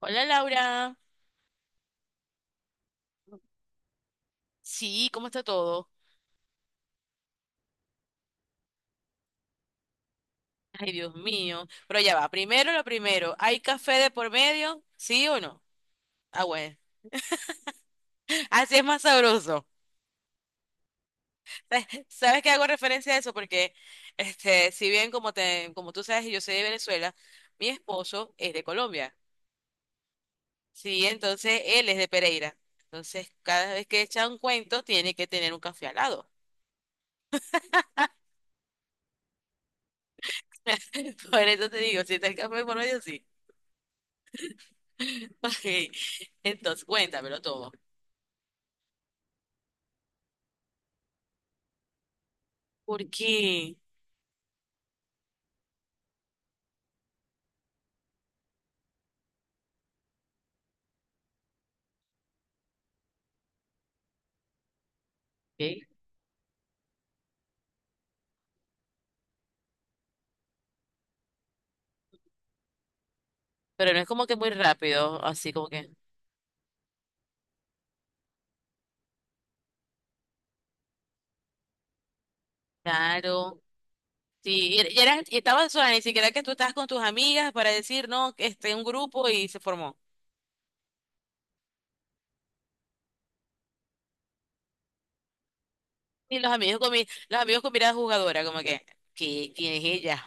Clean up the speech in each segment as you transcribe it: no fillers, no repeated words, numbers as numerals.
Hola Laura. Sí, ¿cómo está todo? Ay, Dios mío. Pero ya va, primero lo primero. ¿Hay café de por medio? ¿Sí o no? Ah, bueno. Así es más sabroso. ¿Sabes que hago referencia a eso? Porque, si bien como tú sabes, yo soy de Venezuela, mi esposo es de Colombia. Sí, entonces él es de Pereira. Entonces, cada vez que echa un cuento, tiene que tener un café al lado. Por eso te digo, si está el café por medio, sí. Ok. Entonces, cuéntamelo todo. ¿Por qué? Ok. Pero no es como que muy rápido, así como que. Claro. Sí, y y estaba sola, ni siquiera que tú estabas con tus amigas para decir, no, que este un grupo y se formó. Y los amigos con mirada jugadora, como que, ¿ quién es ella?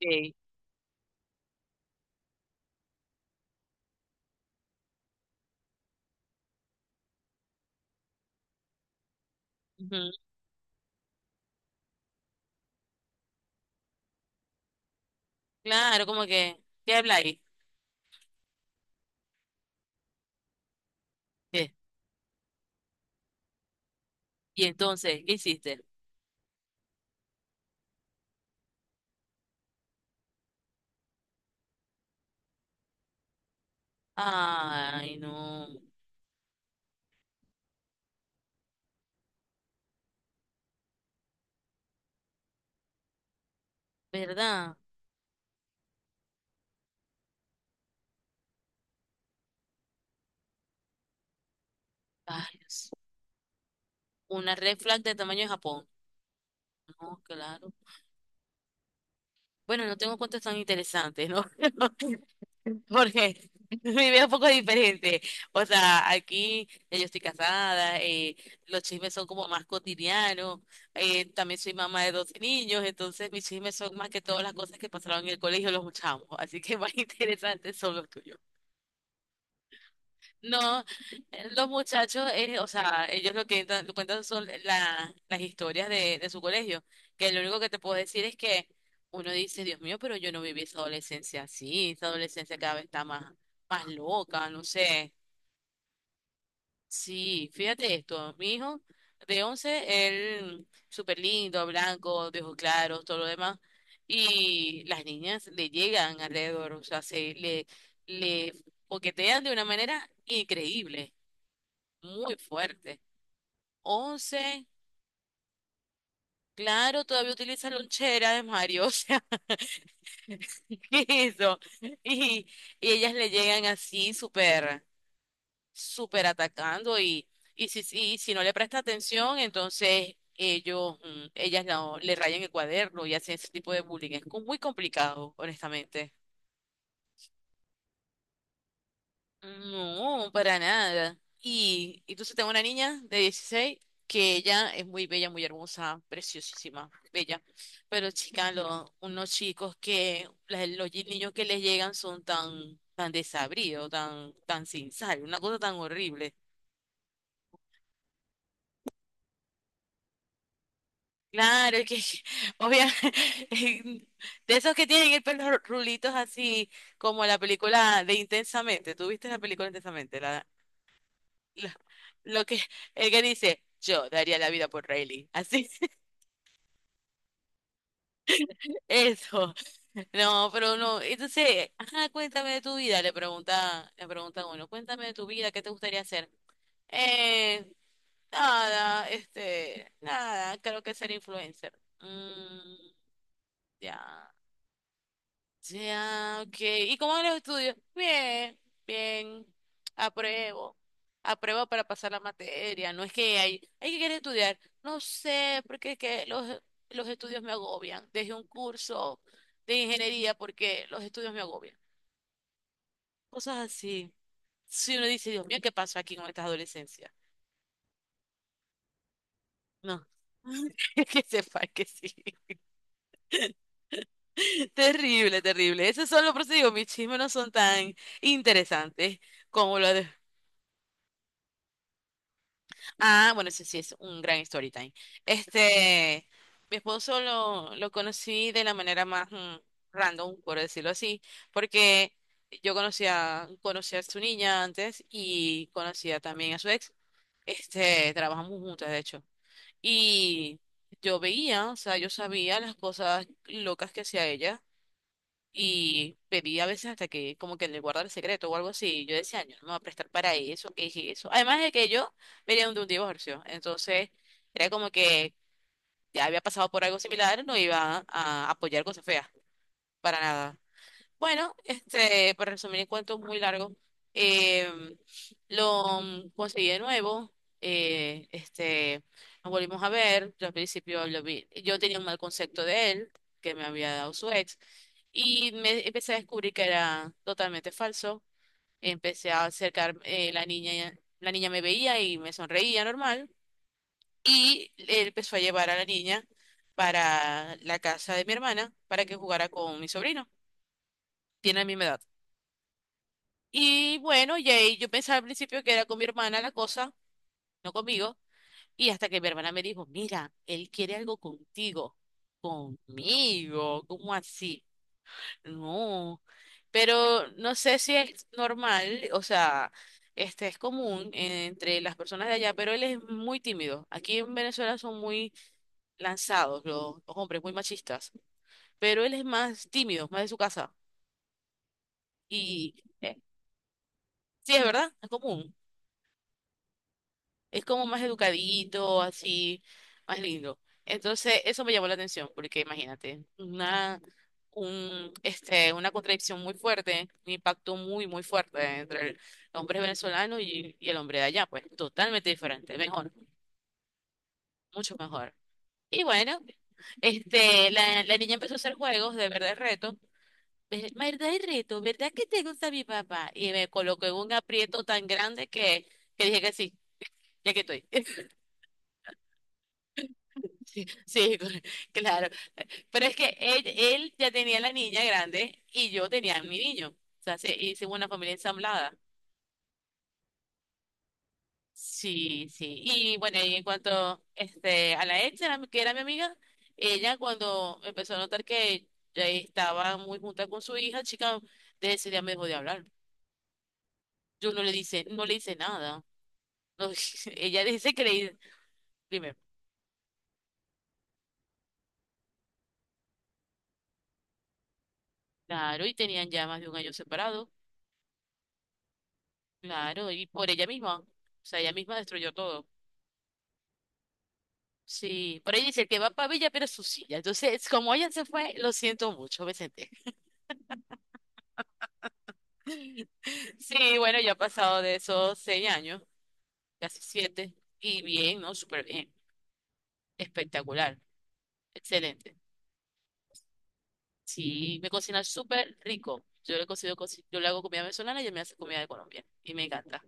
Ok. Ujú. Claro, como que, ¿qué habláis? ¿Qué? Y entonces, ¿qué hiciste? Ay, no, ¿verdad? Ay, Dios. Una red flag de tamaño de Japón. No, claro. Bueno, no tengo cuentos tan interesantes, ¿no? Porque mi vida es un poco diferente. O sea, aquí ya yo estoy casada, los chismes son como más cotidianos. También soy mamá de 12 niños, entonces mis chismes son más que todas las cosas que pasaron en el colegio, los chamos. Así que más interesantes son los tuyos. No, los muchachos, o sea, ellos lo que lo cuentan son las historias de su colegio, que lo único que te puedo decir es que uno dice, Dios mío, pero yo no viví esa adolescencia así, esa adolescencia cada vez está más, más loca, no sé. Sí, fíjate esto, mi hijo de 11 él súper lindo, blanco, de ojos claros, todo lo demás, y las niñas le llegan alrededor, o sea, le coquetean de una manera increíble. Muy fuerte. 11. Claro, todavía utiliza lonchera de Mario, o sea, ¿qué es eso? Y, y ellas le llegan así súper, súper atacando y, si y si no le presta atención, entonces ellas no, le rayan el cuaderno y hacen ese tipo de bullying. Es muy complicado, honestamente. No, para nada. Y entonces tengo una niña de 16 que ella es muy bella, muy hermosa, preciosísima, bella. Pero chica, unos chicos que los niños que les llegan son tan, tan desabridos, tan, tan sin sal, una cosa tan horrible. Claro, es que obviamente de esos que tienen el pelo rulitos así como la película de Intensamente. ¿Tú viste la película Intensamente? Lo, lo que el que dice, yo daría la vida por Riley. Así, eso. No, pero no. Entonces, ajá, cuéntame de tu vida, le pregunta a uno, cuéntame de tu vida, ¿qué te gustaría hacer? Eh, nada, nada, creo que ser influencer. Mm, ya. Ya, ok. ¿Y cómo van los estudios? Bien, bien. Apruebo. Apruebo para pasar la materia. No es que hay que querer estudiar. No sé, porque es que los estudios me agobian. Dejé un curso de ingeniería porque los estudios me agobian. Cosas así. Si uno dice, Dios mío, ¿qué pasó aquí con estas adolescencias? No. Que sepa que sí. Terrible, terrible. Esos son los procedimientos. Mis chismes no son tan interesantes como los de. Ah, bueno, ese sí es un gran story time. Este, mi esposo lo conocí de la manera más random, por decirlo así, porque yo conocía a su niña antes y conocía también a su ex. Trabajamos juntas, de hecho. Y yo veía, o sea, yo sabía las cosas locas que hacía ella y pedí a veces hasta que como que le guardara el secreto o algo así. Y yo decía, "Ay, yo no me voy a prestar para eso, que dije eso. Además de que yo venía de un divorcio. Entonces, era como que ya había pasado por algo similar, no iba a apoyar cosas feas. Para nada. Bueno, para resumir el cuento muy largo, eh, lo conseguí de nuevo, eh, este, nos volvimos a ver, yo al principio lo vi, yo tenía un mal concepto de él, que me había dado su ex, y me empecé a descubrir que era totalmente falso, empecé a acercar, la niña me veía y me sonreía normal, y él empezó a llevar a la niña para la casa de mi hermana para que jugara con mi sobrino, tiene la misma edad. Y bueno, y ahí yo pensaba al principio que era con mi hermana la cosa, no conmigo, y hasta que mi hermana me dijo, mira, él quiere algo contigo, conmigo, ¿cómo así? No, pero no sé si es normal, o sea, este es común entre las personas de allá, pero él es muy tímido. Aquí en Venezuela son muy lanzados los hombres, muy machistas, pero él es más tímido, más de su casa. Y eh, sí, es verdad, es común. Es como más educadito, así, más lindo. Entonces, eso me llamó la atención, porque imagínate, una contradicción muy fuerte, un impacto muy, muy fuerte entre el hombre venezolano y el hombre de allá, pues totalmente diferente, mejor, mucho mejor. Y bueno, la niña empezó a hacer juegos de verdad y reto. ¿Verdad y reto? ¿Verdad que te gusta mi papá? Y me colocó en un aprieto tan grande que dije que sí, ya que estoy. Sí, sí, claro. Pero es que él ya tenía la niña grande y yo tenía a mi niño. O sea, se hicimos una familia ensamblada. Sí, sí. Y bueno, y en cuanto a la ex, era que era mi amiga, ella cuando empezó a notar que ya estaba muy junta con su hija, chica, desde ese día me dejó de hablar. Yo no le dice, no le hice nada. No, ella dice que le primero. Claro, y tenían ya más de un año separados. Claro, y por ella misma. O sea, ella misma destruyó todo. Sí, por ahí dice, el que va para Villa pero su silla. Entonces, como ella se fue, lo siento mucho, Vicente. Sí, bueno, ya ha pasado de esos 6 años, casi 7, y bien, ¿no? Súper bien, espectacular, excelente. Sí, me cocina súper rico. Yo le cocino, yo le hago comida venezolana y ella me hace comida de Colombia, y me encanta.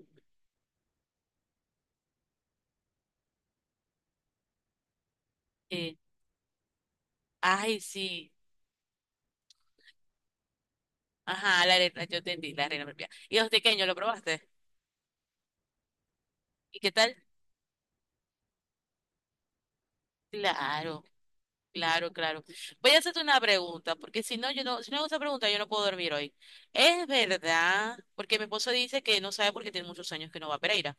Eh, ay, sí, ajá, la arena, yo entendí, la arena propia. ¿Y los pequeños, lo probaste? ¿Y qué tal? Claro. Claro, claro. Voy a hacerte una pregunta, porque si no, yo no, si no hago esa pregunta, yo no puedo dormir hoy. ¿Es verdad? Porque mi esposo dice que no sabe porque tiene muchos años que no va a Pereira.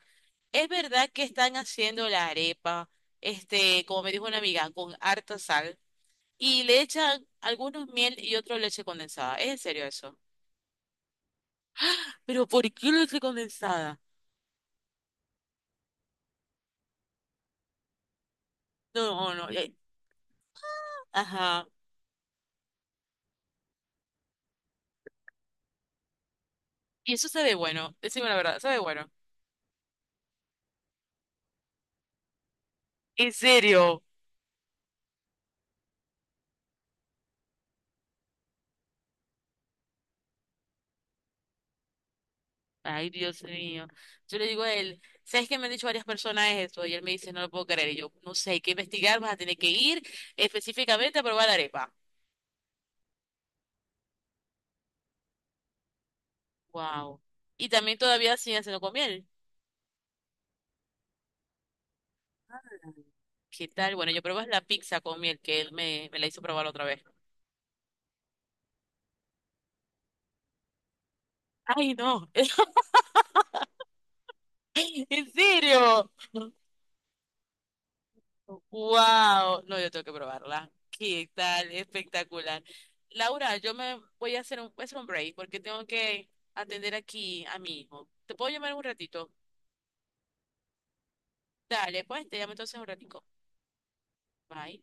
¿Es verdad que están haciendo la arepa, como me dijo una amiga, con harta sal y le echan algunos miel y otro leche condensada? ¿Es en serio eso? ¿Pero por qué leche condensada? No, no, no. Ajá. Y eso sabe bueno, decime la verdad, sabe bueno. ¿En serio? Ay, Dios mío. Yo le digo a él, ¿sabes qué me han dicho varias personas esto? Y él me dice, no lo puedo creer. Y yo, no sé, hay que investigar, vas a tener que ir específicamente a probar la arepa. Wow. Y también todavía siguen haciendo con miel. ¿Qué tal? Bueno, yo probé la pizza con miel que él me la hizo probar otra vez. Ay, no. ¿En serio? Wow. No, yo tengo que probarla. ¿Qué tal? Espectacular. Laura, yo me voy a hacer un break porque tengo que atender aquí a mi hijo. ¿Te puedo llamar en un ratito? Dale, pues te llamo entonces un ratico. Bye.